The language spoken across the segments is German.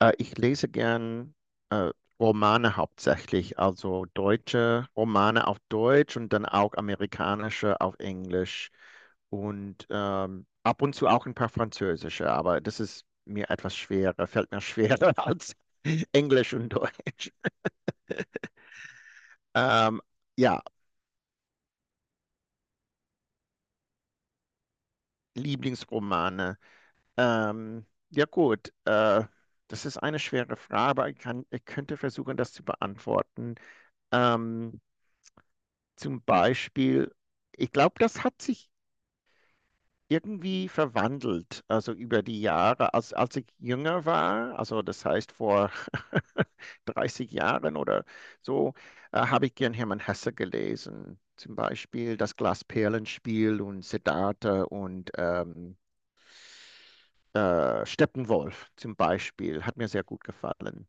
Ich lese gern äh, Romane hauptsächlich, also deutsche Romane auf Deutsch und dann auch amerikanische auf Englisch und ab und zu auch ein paar französische, aber das ist mir etwas schwerer, fällt mir schwerer als Englisch und Deutsch. Ähm, ja, Lieblingsromane. Ja gut, das ist eine schwere Frage, aber ich könnte versuchen, das zu beantworten. Ähm, Zum Beispiel, ich glaube, das hat sich irgendwie verwandelt, also über die Jahre, als ich jünger war, also das heißt vor 30 Jahren oder so, habe ich gern Hermann Hesse gelesen. Zum Beispiel das Glasperlenspiel und Siddhartha und Steppenwolf zum Beispiel, hat mir sehr gut gefallen.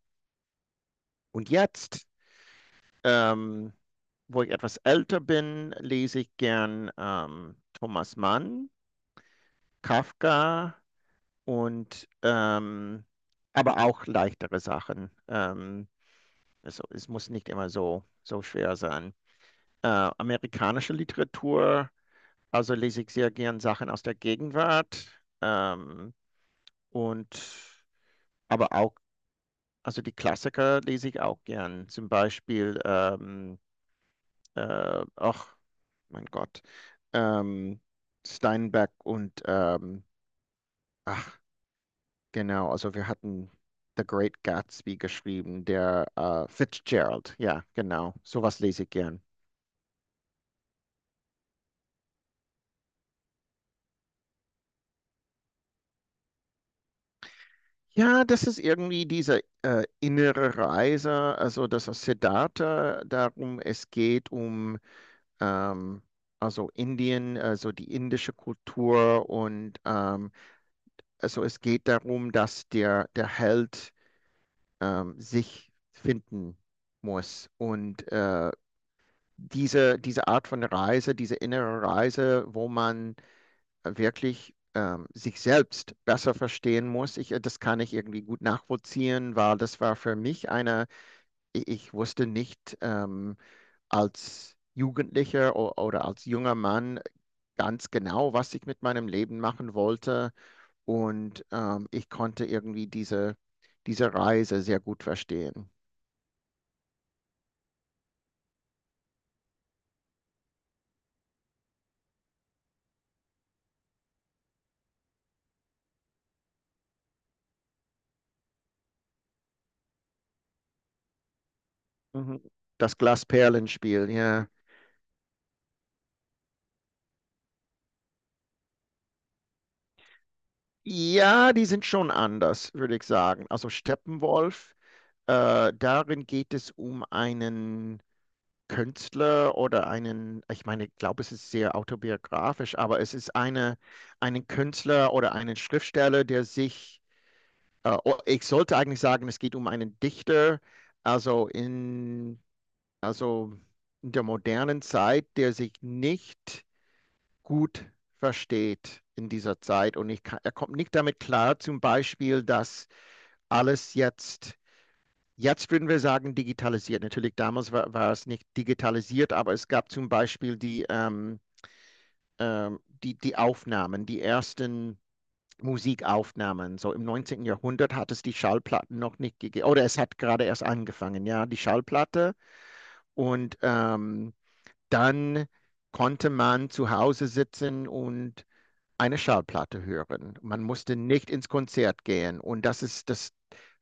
Und jetzt, ähm, wo ich etwas älter bin, lese ich gern Thomas Mann, Kafka und aber auch leichtere Sachen. Also es muss nicht immer so schwer sein. Äh, Amerikanische Literatur, also lese ich sehr gern Sachen aus der Gegenwart. Ähm, und aber auch, also die Klassiker lese ich auch gern. Zum Beispiel, ach, mein Gott, ähm, Steinbeck und ach, genau, also wir hatten The Great Gatsby geschrieben, der Fitzgerald. Ja, genau, sowas lese ich gern. Ja, das ist irgendwie diese innere Reise, also das ist Siddhartha, darum es geht um ähm, also Indien, also die indische Kultur und also es geht darum, dass der Held sich finden muss und diese, diese Art von Reise, diese innere Reise, wo man wirklich sich selbst besser verstehen muss. Das kann ich irgendwie gut nachvollziehen, weil das war für mich eine, ich wusste nicht als Jugendlicher oder als junger Mann ganz genau, was ich mit meinem Leben machen wollte. Und ich konnte irgendwie diese Reise sehr gut verstehen. Mhm. Das Glasperlenspiel, ja. Ja, die sind schon anders, würde ich sagen. Also Steppenwolf, darin geht es um einen Künstler oder einen, ich meine, ich glaube, es ist sehr autobiografisch, aber es ist eine, einen Künstler oder einen Schriftsteller, der sich, oh, ich sollte eigentlich sagen, es geht um einen Dichter, also in, also in der modernen Zeit, der sich nicht gut versteht in dieser Zeit und ich kann, er kommt nicht damit klar, zum Beispiel, dass alles jetzt würden wir sagen digitalisiert. Natürlich damals war es nicht digitalisiert, aber es gab zum Beispiel die Aufnahmen, die ersten Musikaufnahmen. So im 19. Jahrhundert hat es die Schallplatten noch nicht gegeben, oder es hat gerade erst angefangen, ja, die Schallplatte. Und dann konnte man zu Hause sitzen und eine Schallplatte hören. Man musste nicht ins Konzert gehen. Und das ist das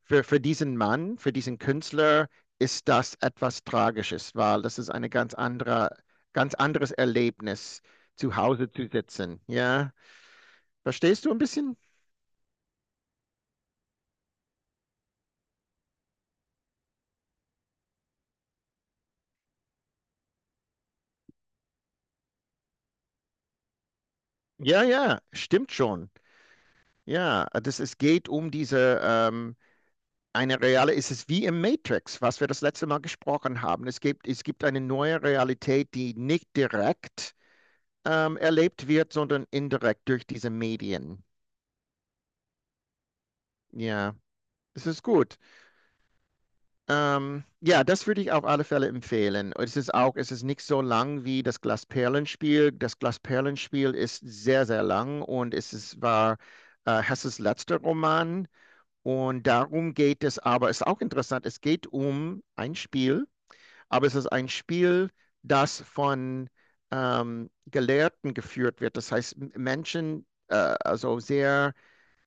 für diesen Mann, für diesen Künstler ist das etwas Tragisches, weil das ist eine ganz andere, ganz anderes Erlebnis, zu Hause zu sitzen. Ja, verstehst du ein bisschen? Ja, ja, stimmt schon. Ja, das, es geht um diese, eine reale, es ist wie im Matrix, was wir das letzte Mal gesprochen haben. Es gibt eine neue Realität, die nicht direkt erlebt wird, sondern indirekt durch diese Medien. Ja, es ist gut. Ja, das würde ich auf alle Fälle empfehlen. Es ist auch, es ist nicht so lang wie das Glasperlenspiel. Das Glasperlenspiel ist sehr, sehr lang und es ist, war Hesses letzter Roman. Und darum geht es aber, es ist auch interessant, es geht um ein Spiel, aber es ist ein Spiel, das von Gelehrten geführt wird. Das heißt, Menschen, also sehr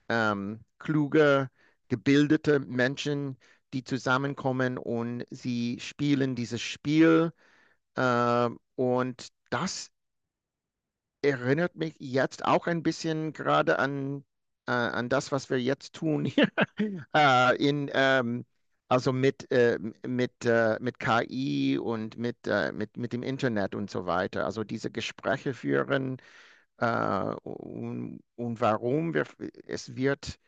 kluge, gebildete Menschen, die zusammenkommen und sie spielen dieses Spiel. Äh, und das erinnert mich jetzt auch ein bisschen gerade an, an das, was wir jetzt tun hier in also mit KI und mit, mit dem Internet und so weiter. Also diese Gespräche führen und warum wir, es wird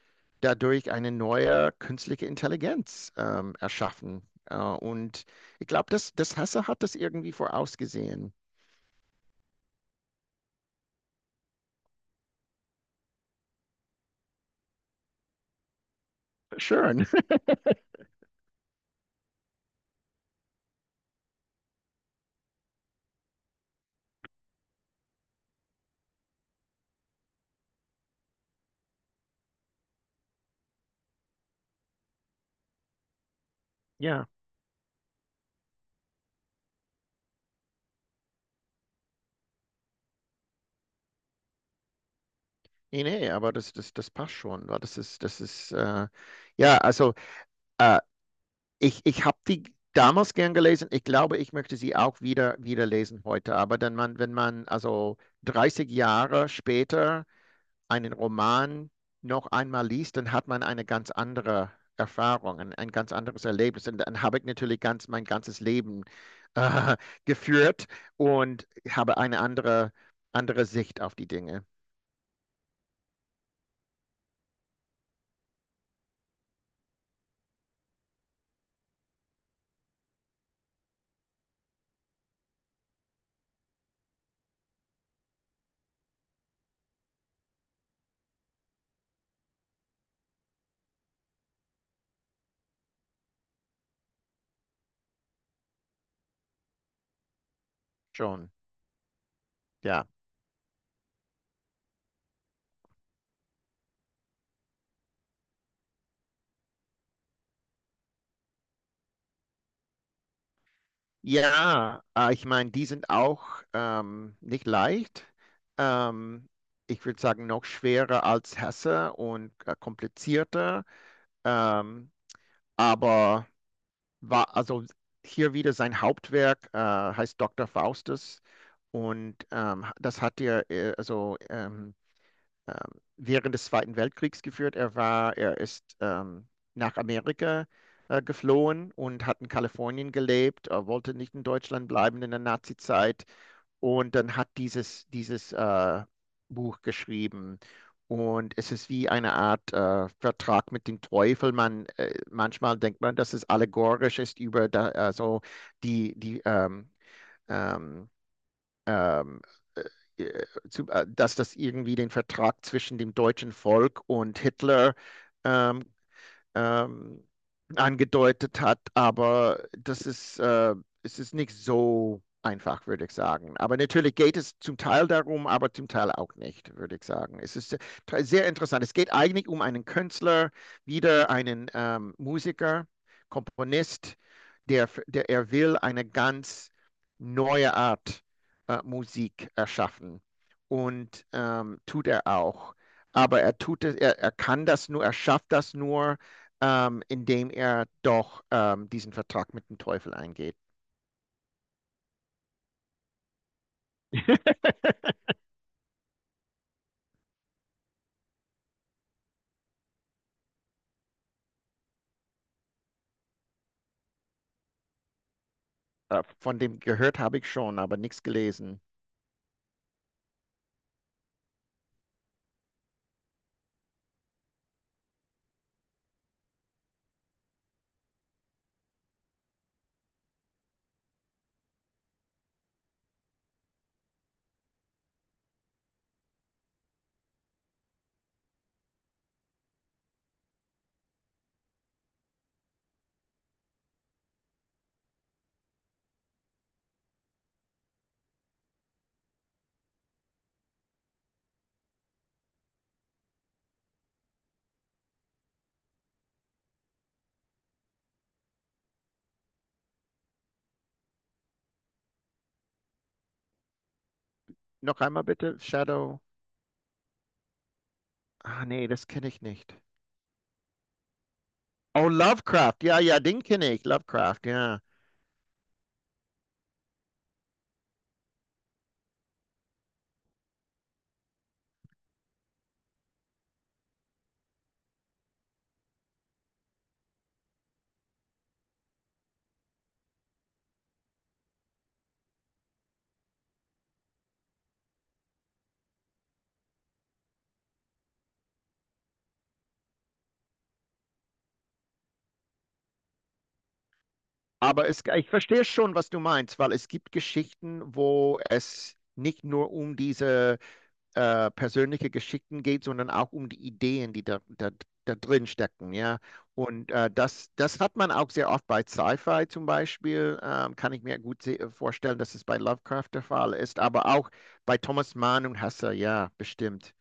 dadurch eine neue künstliche Intelligenz erschaffen. Und ich glaube, das Hesse hat das irgendwie vorausgesehen. Schön. Ja. Nee, nee, aber das passt schon, wa? Das ist, ja, also äh, ich habe die damals gern gelesen. Ich glaube, ich möchte sie auch wieder lesen heute. Aber dann man, wenn man also 30 Jahre später einen Roman noch einmal liest, dann hat man eine ganz andere Erfahrung, ein ganz anderes Erlebnis. Und dann habe ich natürlich ganz mein ganzes Leben äh, geführt und habe eine andere, andere Sicht auf die Dinge. Schon, ja. Ja, ich meine, die sind auch nicht leicht. Ähm, Ich würde sagen, noch schwerer als Hesse und komplizierter. Ähm, aber war also hier wieder sein Hauptwerk heißt Dr. Faustus und das hat er ähm, während des Zweiten Weltkriegs geführt. Er war, er ist nach Amerika geflohen und hat in Kalifornien gelebt, wollte nicht in Deutschland bleiben in der Nazi-Zeit und dann hat dieses, dieses Buch geschrieben. Und es ist wie eine Art Vertrag mit dem Teufel. Manchmal denkt man, dass es allegorisch ist über da, also die, die ähm, ähm, dass das irgendwie den Vertrag zwischen dem deutschen Volk und Hitler ähm, ähm, angedeutet hat, aber das ist, es ist nicht so einfach, würde ich sagen. Aber natürlich geht es zum Teil darum, aber zum Teil auch nicht, würde ich sagen. Es ist sehr, sehr interessant. Es geht eigentlich um einen Künstler, wieder einen Musiker, Komponist, der, der er will eine ganz neue Art Musik erschaffen. Und tut er auch. Aber er tut es, er kann das nur, er schafft das nur, indem er doch diesen Vertrag mit dem Teufel eingeht. Von dem gehört habe ich schon, aber nichts gelesen. Noch einmal bitte, Shadow. Ah, nee, das kenne ich nicht. Oh, Lovecraft. Ja, ja, den kenne ich. Lovecraft, ja. Aber ich verstehe schon, was du meinst, weil es gibt Geschichten, wo es nicht nur um diese persönliche Geschichten geht, sondern auch um die Ideen, die da drin stecken, ja. Und das, das hat man auch sehr oft bei Sci-Fi zum Beispiel, kann ich mir gut vorstellen, dass es bei Lovecraft der Fall ist, aber auch bei Thomas Mann und Hesse, ja, bestimmt.